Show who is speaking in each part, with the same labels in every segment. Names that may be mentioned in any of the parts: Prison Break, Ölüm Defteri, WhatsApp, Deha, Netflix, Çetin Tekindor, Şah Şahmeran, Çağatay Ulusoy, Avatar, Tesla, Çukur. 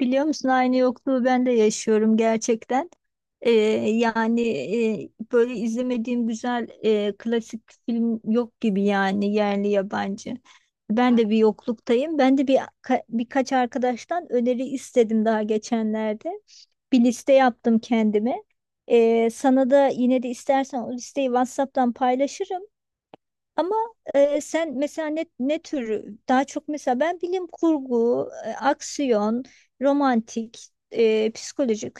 Speaker 1: Biliyor musun aynı yokluğu ben de yaşıyorum gerçekten. Ee, yani Böyle izlemediğim güzel klasik film yok gibi yani yerli yabancı. Ben de bir yokluktayım. Ben de bir ka- Birkaç arkadaştan öneri istedim daha geçenlerde. Bir liste yaptım kendime. Sana da yine de istersen o listeyi WhatsApp'tan paylaşırım. Ama Sen mesela ne tür daha çok, mesela ben bilim kurgu, aksiyon, romantik, psikolojik,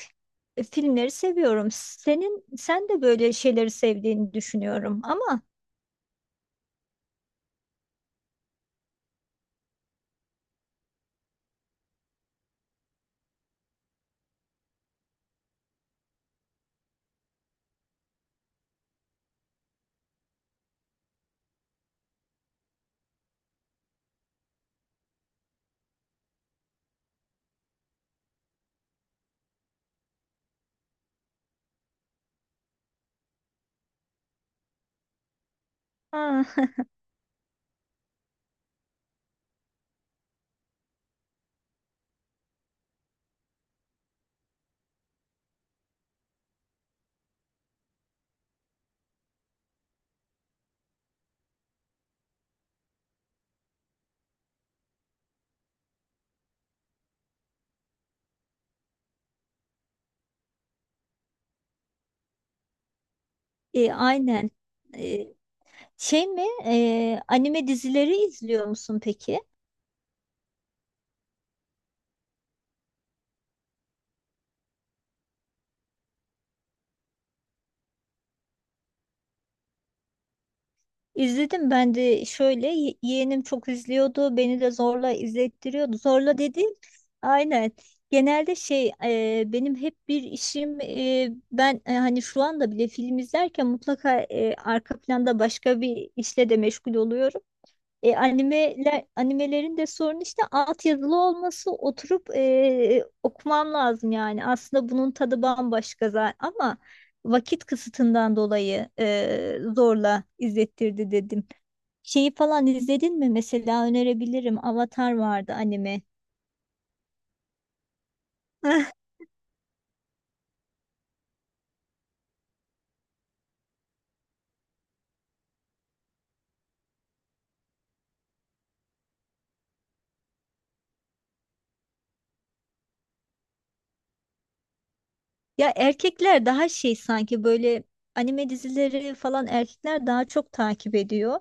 Speaker 1: filmleri seviyorum. Sen de böyle şeyleri sevdiğini düşünüyorum ama ha, aynen. E, Anime dizileri izliyor musun peki? İzledim ben de. Şöyle yeğenim çok izliyordu, beni de zorla izlettiriyordu. Zorla dediğim aynen, benim hep bir işim. Hani şu anda bile film izlerken mutlaka arka planda başka bir işle de meşgul oluyorum. Animelerin de sorunu işte altyazılı olması, oturup okumam lazım yani. Aslında bunun tadı bambaşka zaten ama vakit kısıtından dolayı zorla izlettirdi dedim. Şeyi falan izledin mi? Mesela önerebilirim. Avatar vardı, anime. Ya erkekler daha şey sanki, böyle anime dizileri falan erkekler daha çok takip ediyor.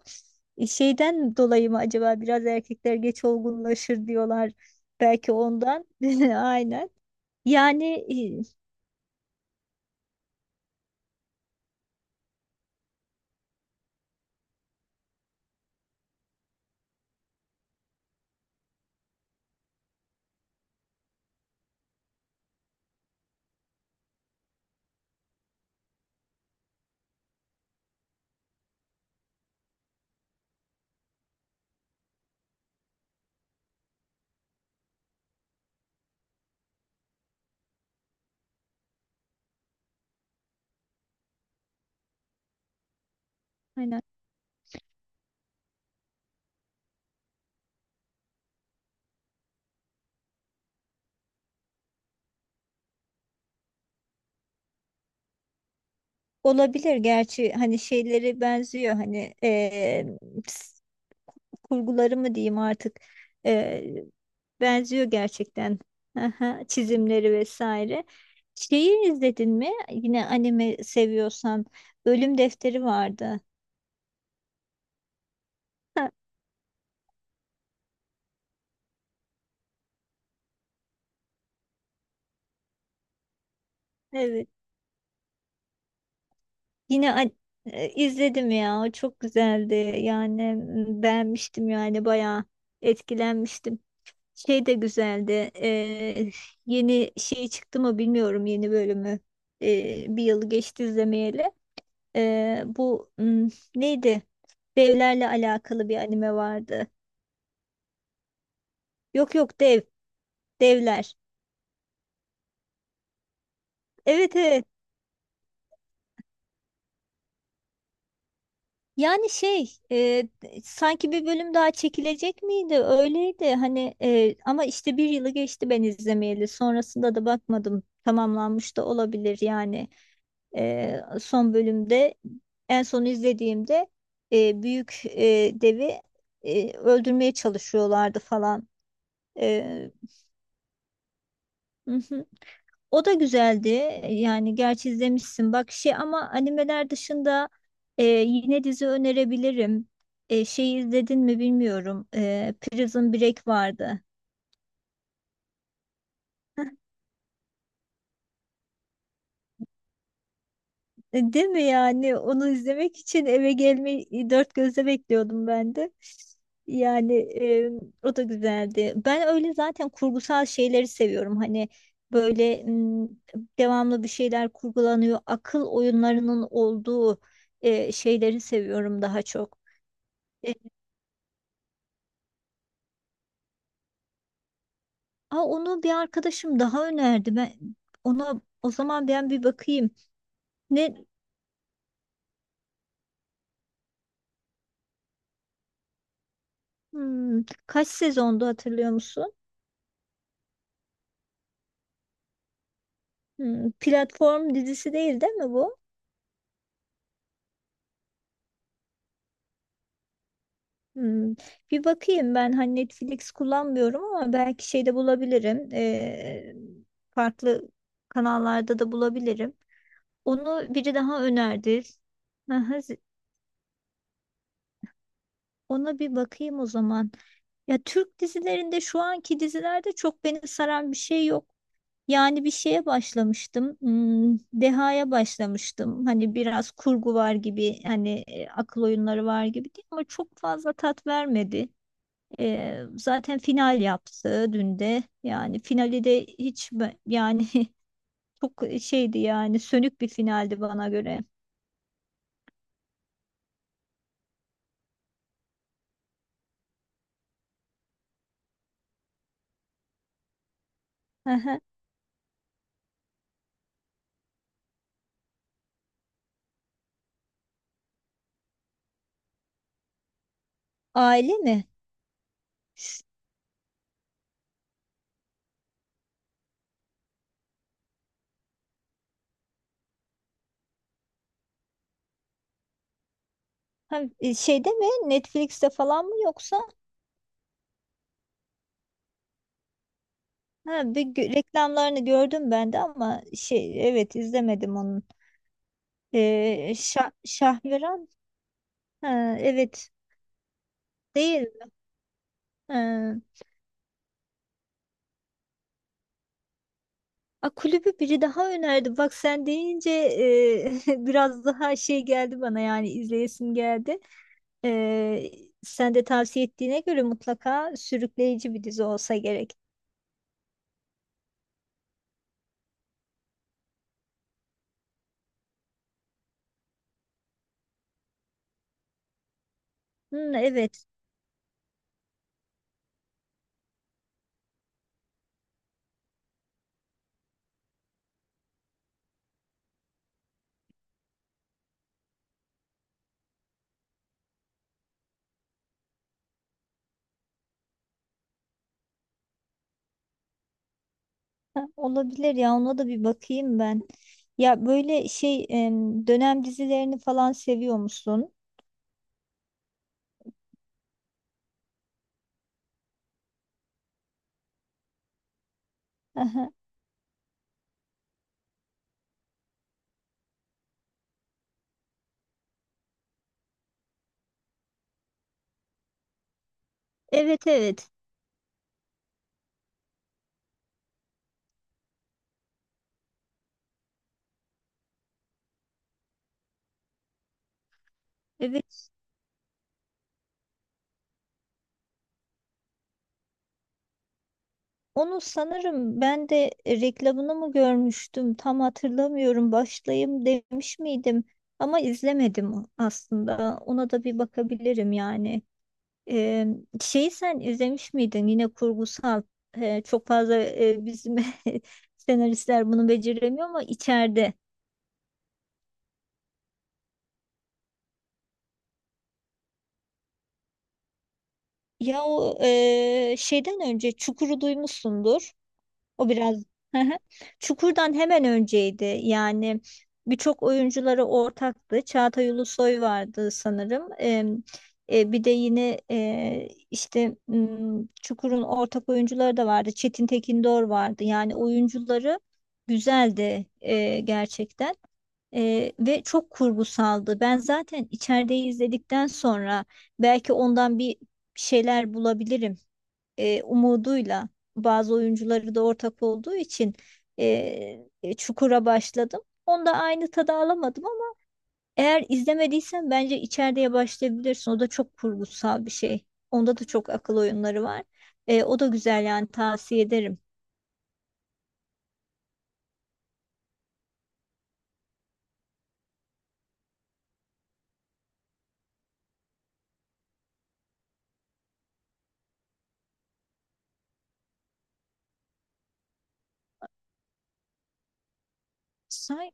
Speaker 1: Şeyden dolayı mı acaba? Biraz erkekler geç olgunlaşır diyorlar. Belki ondan. Aynen. Yani e, aynen. Olabilir gerçi, hani şeyleri benziyor, hani kurguları mı diyeyim artık, e, benziyor gerçekten. Aha, çizimleri vesaire. Şeyi izledin mi? Yine anime seviyorsan Ölüm Defteri vardı. Ha, evet. Yine an- izledim ya. O çok güzeldi. Yani beğenmiştim, yani bayağı etkilenmiştim. Şey de güzeldi. Yeni şey çıktı mı bilmiyorum, yeni bölümü. Bir yıl geçti izlemeyeli. Ee, bu hmm, Neydi? Devlerle alakalı bir anime vardı. Yok yok, devler. Evet evet. Yani sanki bir bölüm daha çekilecek miydi? Öyleydi hani ama işte bir yılı geçti ben izlemeyeli. Sonrasında da bakmadım. Tamamlanmış da olabilir yani. Son bölümde, en son izlediğimde büyük devi öldürmeye çalışıyorlardı falan. E, O da güzeldi. Yani gerçi izlemişsin bak şey, ama animeler dışında yine dizi önerebilirim. Şeyi izledin mi bilmiyorum. Prison Break vardı. Değil mi yani? Onu izlemek için eve gelmeyi dört gözle bekliyordum ben de. Yani o da güzeldi. Ben öyle zaten kurgusal şeyleri seviyorum. Hani böyle devamlı bir şeyler kurgulanıyor. Akıl oyunlarının olduğu şeyleri seviyorum daha çok. E, Aa, onu bir arkadaşım daha önerdi. Ona o zaman bir bakayım. Ne Kaç sezondu hatırlıyor musun? Hmm, platform dizisi değil mi bu? Hmm, bir bakayım ben, hani Netflix kullanmıyorum ama belki şeyde bulabilirim. Farklı kanallarda da bulabilirim. Onu biri daha önerdi. Aha, z- Ona bir bakayım o zaman. Ya Türk dizilerinde, şu anki dizilerde çok beni saran bir şey yok. Yani bir şeye başlamıştım. Hmm, Deha'ya başlamıştım. Hani biraz kurgu var gibi, hani akıl oyunları var gibi, değil ama çok fazla tat vermedi. Zaten final yaptı dün de. Yani finali de yani, çok şeydi yani, sönük bir finaldi bana göre. Aha. Aile mi? Ş- Şeyde mi? Netflix'te falan mı yoksa? Ha, reklamlarını gördüm ben de ama şey, evet, izlemedim onu. Şah Şahmeran, ha, evet, değil, ha. A, kulübü biri daha önerdi bak, sen deyince biraz daha şey geldi bana, yani izleyesim geldi. Ee, Sen de tavsiye ettiğine göre mutlaka sürükleyici bir dizi olsa gerek. Hmm, evet. Ha, olabilir ya, ona da bir bakayım ben. Ya böyle dönem dizilerini falan seviyor musun? Aha. Evet evet evet. Onu sanırım ben de reklamını mı görmüştüm tam hatırlamıyorum, başlayayım demiş miydim, ama izlemedim. Aslında ona da bir bakabilirim yani. Ee, Şeyi sen izlemiş miydin, yine kurgusal. Çok fazla bizim senaristler bunu beceremiyor, ama içeride. Ya o şeyden önce Çukur'u duymuşsundur. O biraz. Hı hı. Çukur'dan hemen önceydi. Yani birçok oyuncuları ortaktı. Çağatay Ulusoy vardı sanırım. Bir de yine Çukur'un ortak oyuncuları da vardı. Çetin Tekindor vardı. Yani oyuncuları güzeldi gerçekten. Ve çok kurgusaldı. Ben zaten içerideyi izledikten sonra belki ondan bir şeyler bulabilirim umuduyla, bazı oyuncuları da ortak olduğu için e, Çukur'a başladım. Onda aynı tadı alamadım ama eğer izlemediysen bence içeriye başlayabilirsin. O da çok kurgusal bir şey. Onda da çok akıl oyunları var. O da güzel yani, tavsiye ederim. Say.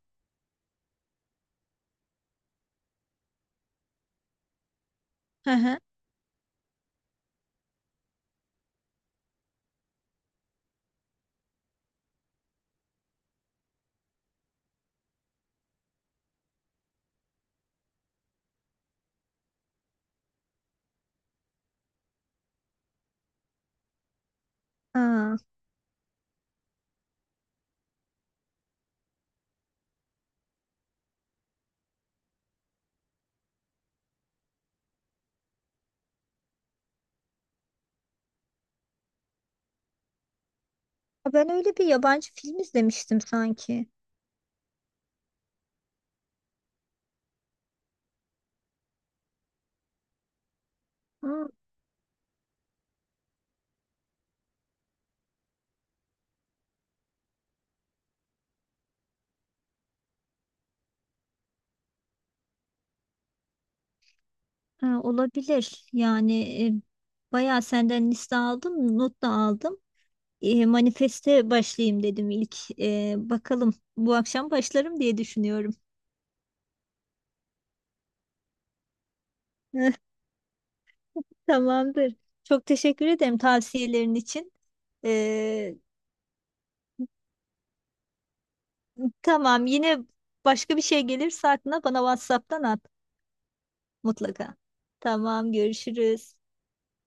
Speaker 1: Hı hı. Aa, ben öyle bir yabancı film izlemiştim sanki. Hı, ha, olabilir. Yani bayağı senden liste aldım, not da aldım. E, manifeste başlayayım dedim ilk. Bakalım, bu akşam başlarım diye düşünüyorum. Tamamdır. Çok teşekkür ederim tavsiyelerin için. E, tamam, yine başka bir şey gelirse aklına bana WhatsApp'tan at mutlaka. Tamam, görüşürüz.